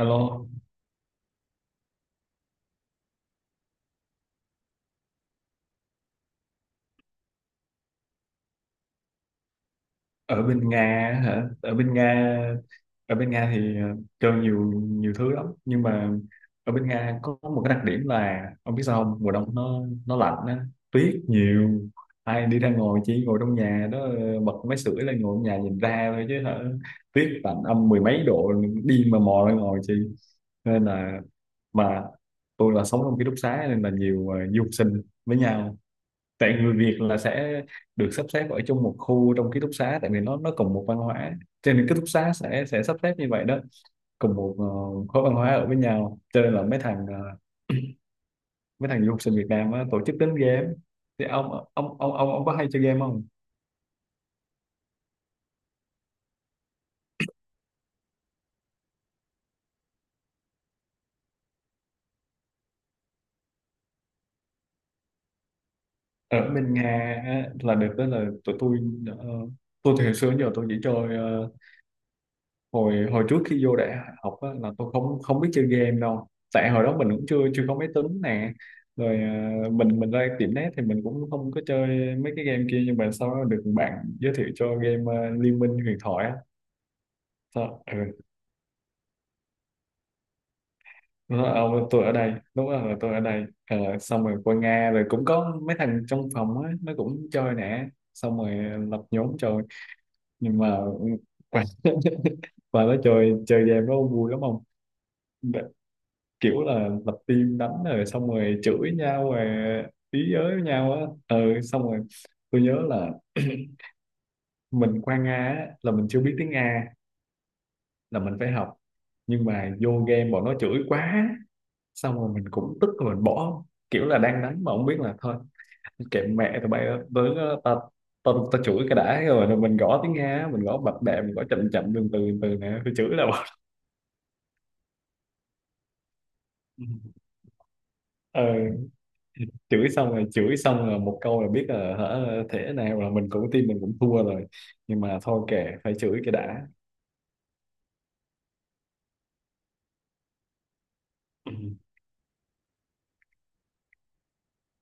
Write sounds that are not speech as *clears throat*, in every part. Alo, ở bên Nga á hả? Ở bên Nga thì chơi nhiều nhiều thứ lắm, nhưng mà ở bên Nga có một cái đặc điểm là ông biết sao không? Mùa đông nó lạnh á, tuyết nhiều. Ai đi ra ngồi chỉ ngồi trong nhà đó bật máy sưởi lên ngồi trong nhà nhìn ra thôi chứ hả? Tuyết lạnh âm mười mấy độ đi mà mò ra ngồi chị. Nên là mà tôi là sống trong ký túc xá nên là nhiều du học sinh với nhau, tại người Việt là sẽ được sắp xếp ở trong một khu trong ký túc xá tại vì nó cùng một văn hóa, cho nên ký túc xá sẽ sắp xếp như vậy đó, cùng một khối văn hóa ở với nhau. Cho nên là mấy thằng du học sinh Việt Nam á, tổ chức đánh game. Thì ông có hay chơi game không? Ở bên Nga á, là được đó, là tụi tôi ờ, tôi thì hồi xưa đến giờ tôi chỉ chơi hồi hồi trước khi vô đại học á, là tôi không không biết chơi game đâu, tại hồi đó mình cũng chưa chưa có máy tính nè, rồi à, mình ra tiệm net thì mình cũng không có chơi mấy cái game kia, nhưng mà sau đó được bạn giới thiệu cho game à, Liên Minh Huyền Thoại á. Ừ. Nó nói, "Ông, tôi ở đây đúng rồi, là tôi ở đây." Ờ, xong rồi qua Nga rồi cũng có mấy thằng trong phòng á nó cũng chơi nè, xong rồi lập nhóm chơi. Nhưng mà và *laughs* và nó chơi chơi game nó vui lắm không, kiểu là lập team đánh rồi xong rồi chửi nhau rồi ý giới với nhau á. Ừ, xong rồi tôi nhớ là *clears throat* mình qua Nga á, là mình chưa biết tiếng Nga, là mình phải học, nhưng mà vô game bọn nó chửi quá, xong rồi mình cũng tức rồi mình bỏ, kiểu là đang đánh mà không biết là thôi, kệ mẹ tụi bay đó, tới đó, ta ta ta chửi cái đã, rồi mình gõ tiếng Nga, mình gõ bập bẹ, mình gõ chậm chậm từ từ từ nè, tôi chửi là bỏ. *laughs* Ừ, chửi xong rồi một câu là biết là hả thế nào, là mình cũng tin mình cũng thua rồi, nhưng mà thôi kệ, phải chửi cái đã. Ừ.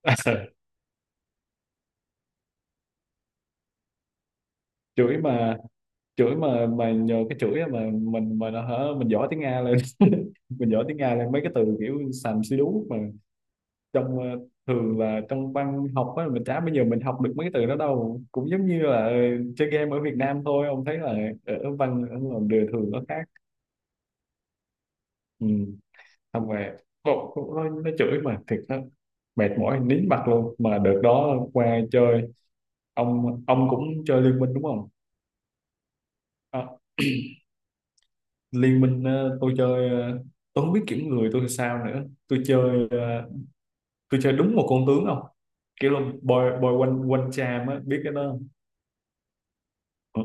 *laughs* chửi mà chửi mà mà nhờ cái chửi á, mà mình mà nó hả, mình giỏi tiếng Nga lên *laughs* mình giỏi tiếng Nga lên, mấy cái từ kiểu sàm xí đú mà trong thường là trong văn học á mình chả, bây giờ mình học được mấy cái từ đó đâu, cũng giống như là chơi game ở Việt Nam thôi, ông thấy là ở văn ở ngoài đời thường nó khác. Ừ. Không về cậu bộ nó, chửi mà thiệt đó, mệt mỏi nín mặt luôn mà đợt đó qua chơi. Ông cũng chơi liên minh đúng không? À, liên minh tôi chơi tôi không biết kiểm người tôi sao nữa, tôi chơi tôi chơi đúng một con tướng không, kiểu là bồi bồi quanh quanh chàm á, biết cái đó không? Ờ,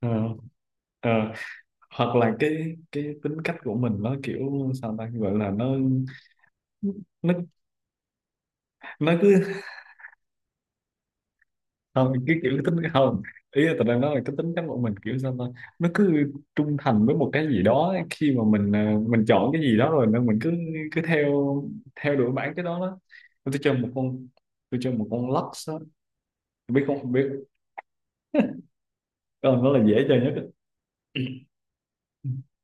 ờ, ờ. Hoặc là cái tính cách của mình nó kiểu sao ta, gọi là nó nó nó cứ, không cái kiểu cái tính, không, ý là tao đang nói là cái tính cán bộ mình kiểu sao ta, nó cứ trung thành với một cái gì đó, khi mà mình à, mình chọn cái gì đó rồi nên mình cứ cứ theo theo đuổi bản cái đó đó. tôi chơi một con tôi chơi một con Lux á, biết không biết, con nó là dễ chơi nhất á. *coughs*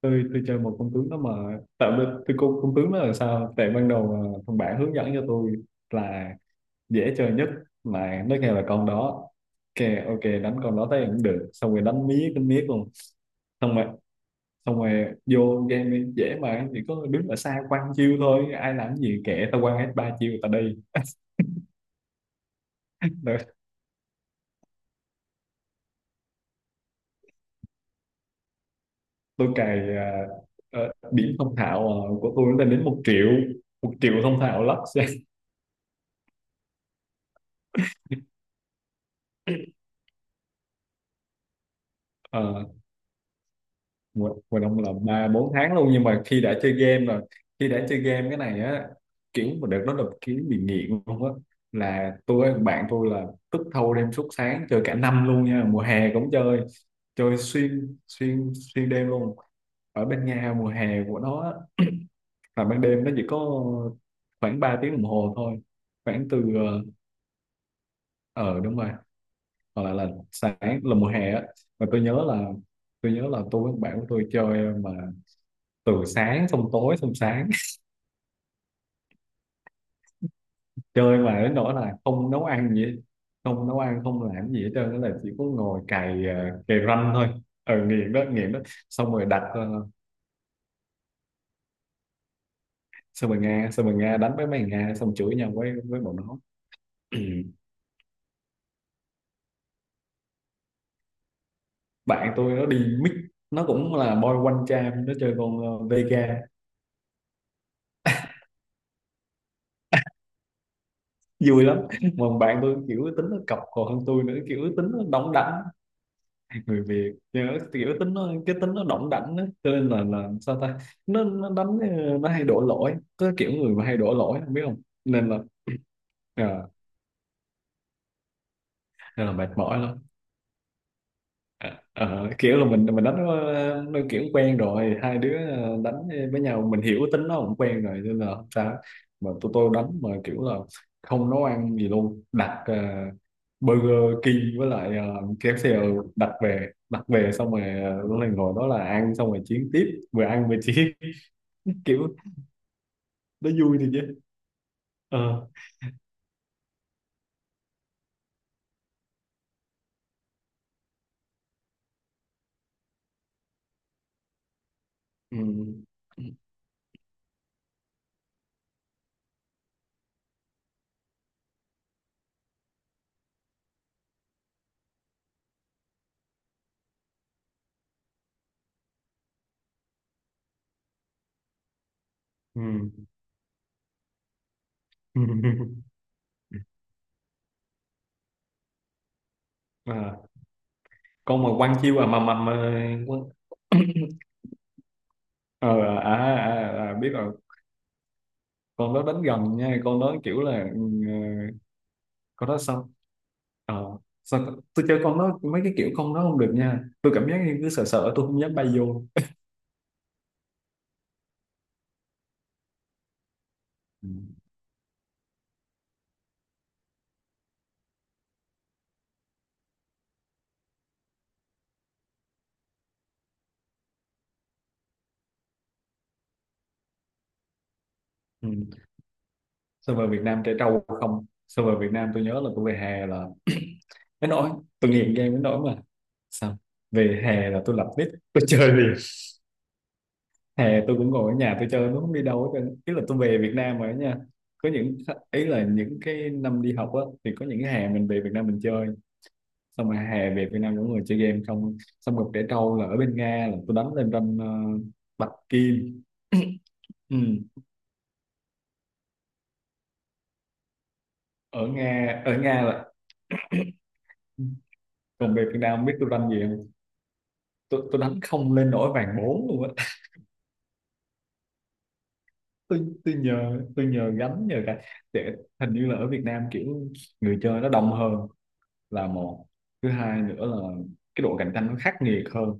Tôi chơi một con tướng đó mà, tạo vì tôi con tướng đó là sao, tại ban đầu à, thằng bạn hướng dẫn cho tôi là dễ chơi nhất, mà nó kêu là con đó, kêu ok đánh con đó thấy cũng được, xong rồi đánh miết luôn, xong rồi xong rồi vô game đi, dễ mà, chỉ có đứng ở xa quăng chiêu thôi, ai làm cái gì kệ, tao quăng hết ba chiêu tao đi. *laughs* tôi, tôi cày à, ờ, điểm thông thạo à, của tôi lên đến 1 triệu, 1 triệu thông thạo lắc. *laughs* Ờ, Mùa mùa đông là ba bốn tháng luôn, nhưng mà khi đã chơi game rồi, khi đã chơi game cái này á, kiểu mà đợt đó là kiểu bị nghiện luôn á, là tôi bạn tôi là tức thâu đêm suốt sáng chơi cả năm luôn nha, mùa hè cũng chơi, chơi xuyên xuyên xuyên đêm luôn. Ở bên Nga mùa hè của nó á, là ban đêm nó chỉ có khoảng 3 tiếng đồng hồ thôi, khoảng từ ờ, đúng rồi, hoặc là sáng, là mùa hè á. Mà tôi nhớ là tôi với bạn của tôi chơi mà từ sáng xong tối xong sáng, *laughs* chơi mà đến nỗi là không nấu ăn gì hết. Không nấu ăn không làm gì hết trơn đó, là chỉ có ngồi cày cày ranh thôi. Ờ, nghiện đó, nghiện đó. Xong rồi đặt xong rồi Nga đánh với mấy thằng Nga, xong chửi nhau với bọn nó. *clears throat* Ừ. Bạn tôi nó đi mix, nó cũng là boy one charm, nó chơi con Vega, vui lắm. *laughs* Mà bạn tôi kiểu tính nó cọc còn hơn tôi nữa, kiểu tính nó đóng đảnh, người Việt nhớ kiểu tính nó, cái tính nó đỏng đảnh á, cho nên là sao ta, nó đánh nó hay đổ lỗi, có kiểu người mà hay đổ lỗi không, biết không, nên là *clears throat* à, nên là mệt mỏi lắm. À, kiểu là mình đánh nó kiểu quen rồi, hai đứa đánh với nhau mình hiểu tính nó cũng quen rồi nên là không sao. Mà tụi tôi đánh mà kiểu là không nấu ăn gì luôn, đặt Burger King với lại KFC, ừ, đặt về xong rồi lúc này ngồi đó là ăn xong rồi chiến tiếp, vừa ăn vừa chiến. *laughs* Kiểu nó vui thì chứ. Ờ. Ừ. Ừ. *laughs* À, con mà quăng chiêu à mà mà... Ờ, à, à, à, biết rồi. Con đó đánh gần nha, con đó kiểu là ừ, ờ, con đó sao. Ờ, tôi chơi con đó mấy cái kiểu con đó không được nha, tôi cảm giác như cứ sợ sợ tôi không dám bay vô. Ừ. Ừ. Sao về Việt Nam trẻ trâu không, sao về Việt Nam tôi nhớ là tôi về hè là *clears throat* đến nỗi, tôi nghiện game đến nỗi mà, sao về hè là tôi lập nick tôi chơi liền, hè tôi cũng ngồi ở nhà tôi chơi, nó không đi đâu hết trơn. Ý là tôi về Việt Nam rồi đó nha, có những, ý là những cái năm đi học á thì có những cái hè mình về Việt Nam mình chơi, xong rồi hè về Việt Nam những người chơi game không, xong rồi trẻ trâu là ở bên Nga là tôi đánh lên ranh Bạch Kim. *clears throat* Ừ. Ở Nga, ở Nga là còn về Việt Nam biết tôi đánh gì không? Tôi đánh không lên nổi vàng bốn luôn á. *laughs* tôi tôi nhờ, tôi nhờ gánh, nhờ cả. Để hình như là ở Việt Nam kiểu người chơi nó đông hơn là một. Thứ hai nữa là cái độ cạnh tranh nó khắc nghiệt hơn,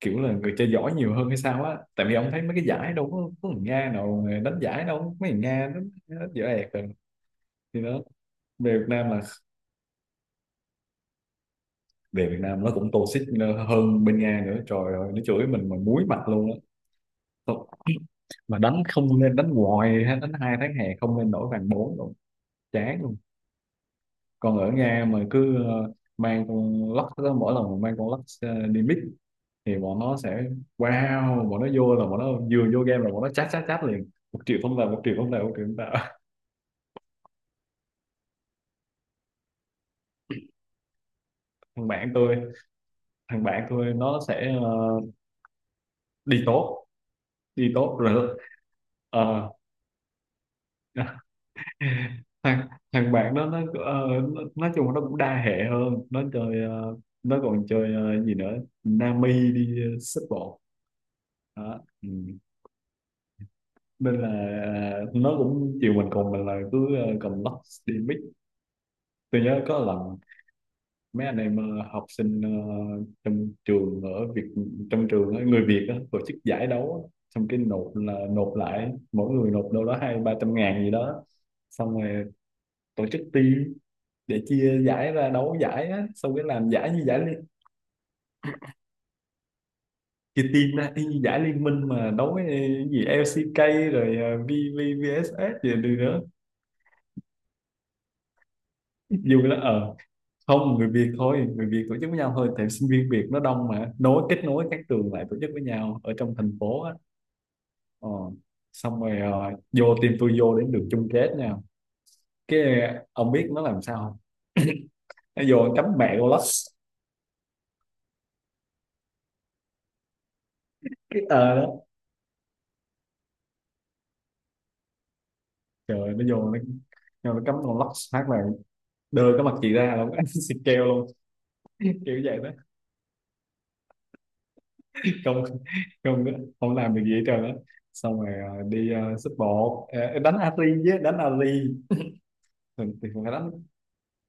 kiểu là người chơi giỏi nhiều hơn hay sao á, tại vì ông thấy mấy cái giải đâu có người Nga nào đánh giải đâu, mấy người Nga nó dở ẹt rồi. Thì đó, về Việt Nam là về Việt Nam nó cũng toxic hơn bên Nga nữa, trời ơi, nó chửi mình mà muối mặt luôn á. Thôi, mà đánh không nên, đánh hoài ha, đánh hai tháng hè không nên nổi vàng bốn luôn, chán luôn. Còn ở Nga mà cứ mang con lắc đó, mỗi lần mà mang con lắc đi mix thì bọn nó sẽ, wow, bọn nó vô là bọn nó vừa vô game là bọn nó chát chát chát liền, một triệu phong vào, một triệu phong vào, một triệu phong vào. Thằng bạn tôi thằng bạn tôi nó sẽ đi tốt, đi tốt rồi. ờ, *laughs* thằng thằng bạn đó nó, ờ, nói chung là nó cũng đa hệ hơn, nó chơi nó còn chơi gì nữa, Nami đi xếp bộ đó. Ừ, nên là nó cũng chiều mình, cùng mình là cứ cầm lắc đi mix. Tôi nhớ có lần mấy anh em học sinh trong trường ở Việt, trong trường á, người Việt á, tổ chức giải đấu á. Xong cái nộp là nộp lại, mỗi người nộp đâu đó hai ba trăm ngàn gì đó. Xong rồi tổ chức team để chia giải ra đấu giải á, xong cái làm giải như chia team ra y như giải liên minh mà đấu với cái gì LCK rồi V V VSS gì đi nữa, vui lắm. Ờ Không, người Việt thôi, người Việt tổ chức với nhau thôi, tại sinh viên Việt nó đông mà, nối kết nối các trường lại tổ chức với nhau ở trong thành phố á. Ờ, xong rồi vô team, tôi vô đến đường chung kết nha. Cái ông biết nó làm sao không, nó vô nó cắm mẹ con Lux. Cái đó, trời ơi, nó vô nó, nó cắm con Lux phát là đưa cái mặt chị ra luôn anh, *laughs* xịt keo luôn, kiểu vậy đó. Không, không, không làm được gì hết trơn á. Xong rồi đi xúc bộ. Ờ, đánh Ari chứ, đánh Ari thì phải đánh.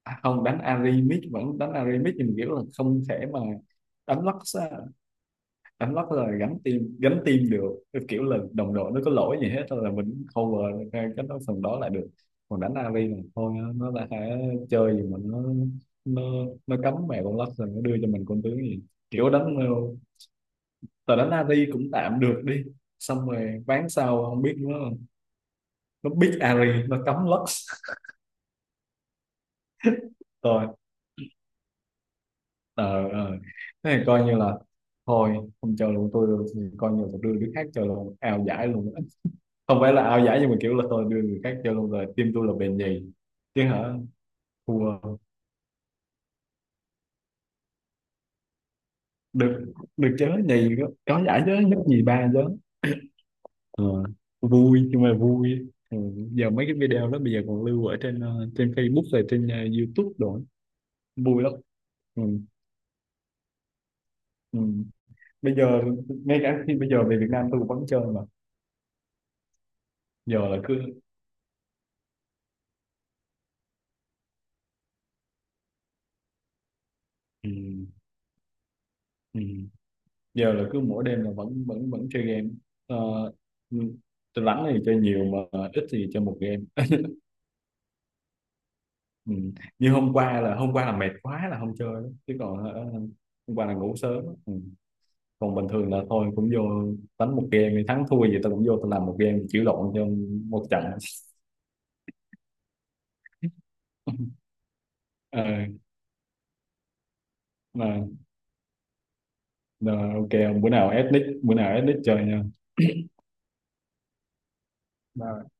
À, không, đánh Ari mid, vẫn đánh Ari mid nhưng mà kiểu là không thể mà đánh Lux á. Đánh lóc rồi gánh team, gánh team được. Cái kiểu là đồng đội nó có lỗi gì hết thôi là mình cover cái phần đó lại được. Còn đánh AV là thôi, nó là hả, chơi gì mà nó nó cấm mẹ con lắc rồi nó đưa cho mình con tướng gì kiểu, đánh đánh AV cũng tạm được đi. Xong rồi ván sau không biết, nó biết Ari nó cấm Lux rồi. *laughs* Ờ, thế thì coi như là thôi, không chơi luôn. Tôi coi như là tôi đưa đứa khác chơi luôn, ào giải luôn, không phải là ao giải nhưng mà kiểu là tôi đưa người khác vô luôn, rồi team tôi là bền nhì chứ hả. Thua, được, được chớ, nhì có giải chớ, nhất nhì ba chớ. Ờ, vui, nhưng mà vui. Ừ, giờ mấy cái video đó bây giờ còn lưu ở trên trên Facebook rồi trên YouTube đồ ấy. Vui lắm. Ừ. Ừ. Bây giờ ngay cả khi bây giờ về Việt Nam tôi cũng vẫn chơi mà. Giờ là cứ, ừ. Ừ. Giờ là cứ mỗi đêm là vẫn vẫn vẫn chơi game. Ờ, ừ. Tôi rảnh thì chơi nhiều mà, ít thì chơi một game. Ừ. Như hôm qua là, hôm qua là mệt quá là không chơi đó, chứ còn hả, hôm qua là ngủ sớm đó. Ừ. Còn bình thường là thôi cũng vô đánh một game, thì thắng thua gì tao cũng vô tao làm một game chịu lộn cho một trận. *laughs* ờ mà, mà ok, bữa nào ethnic, bữa nào ethnic chơi nha.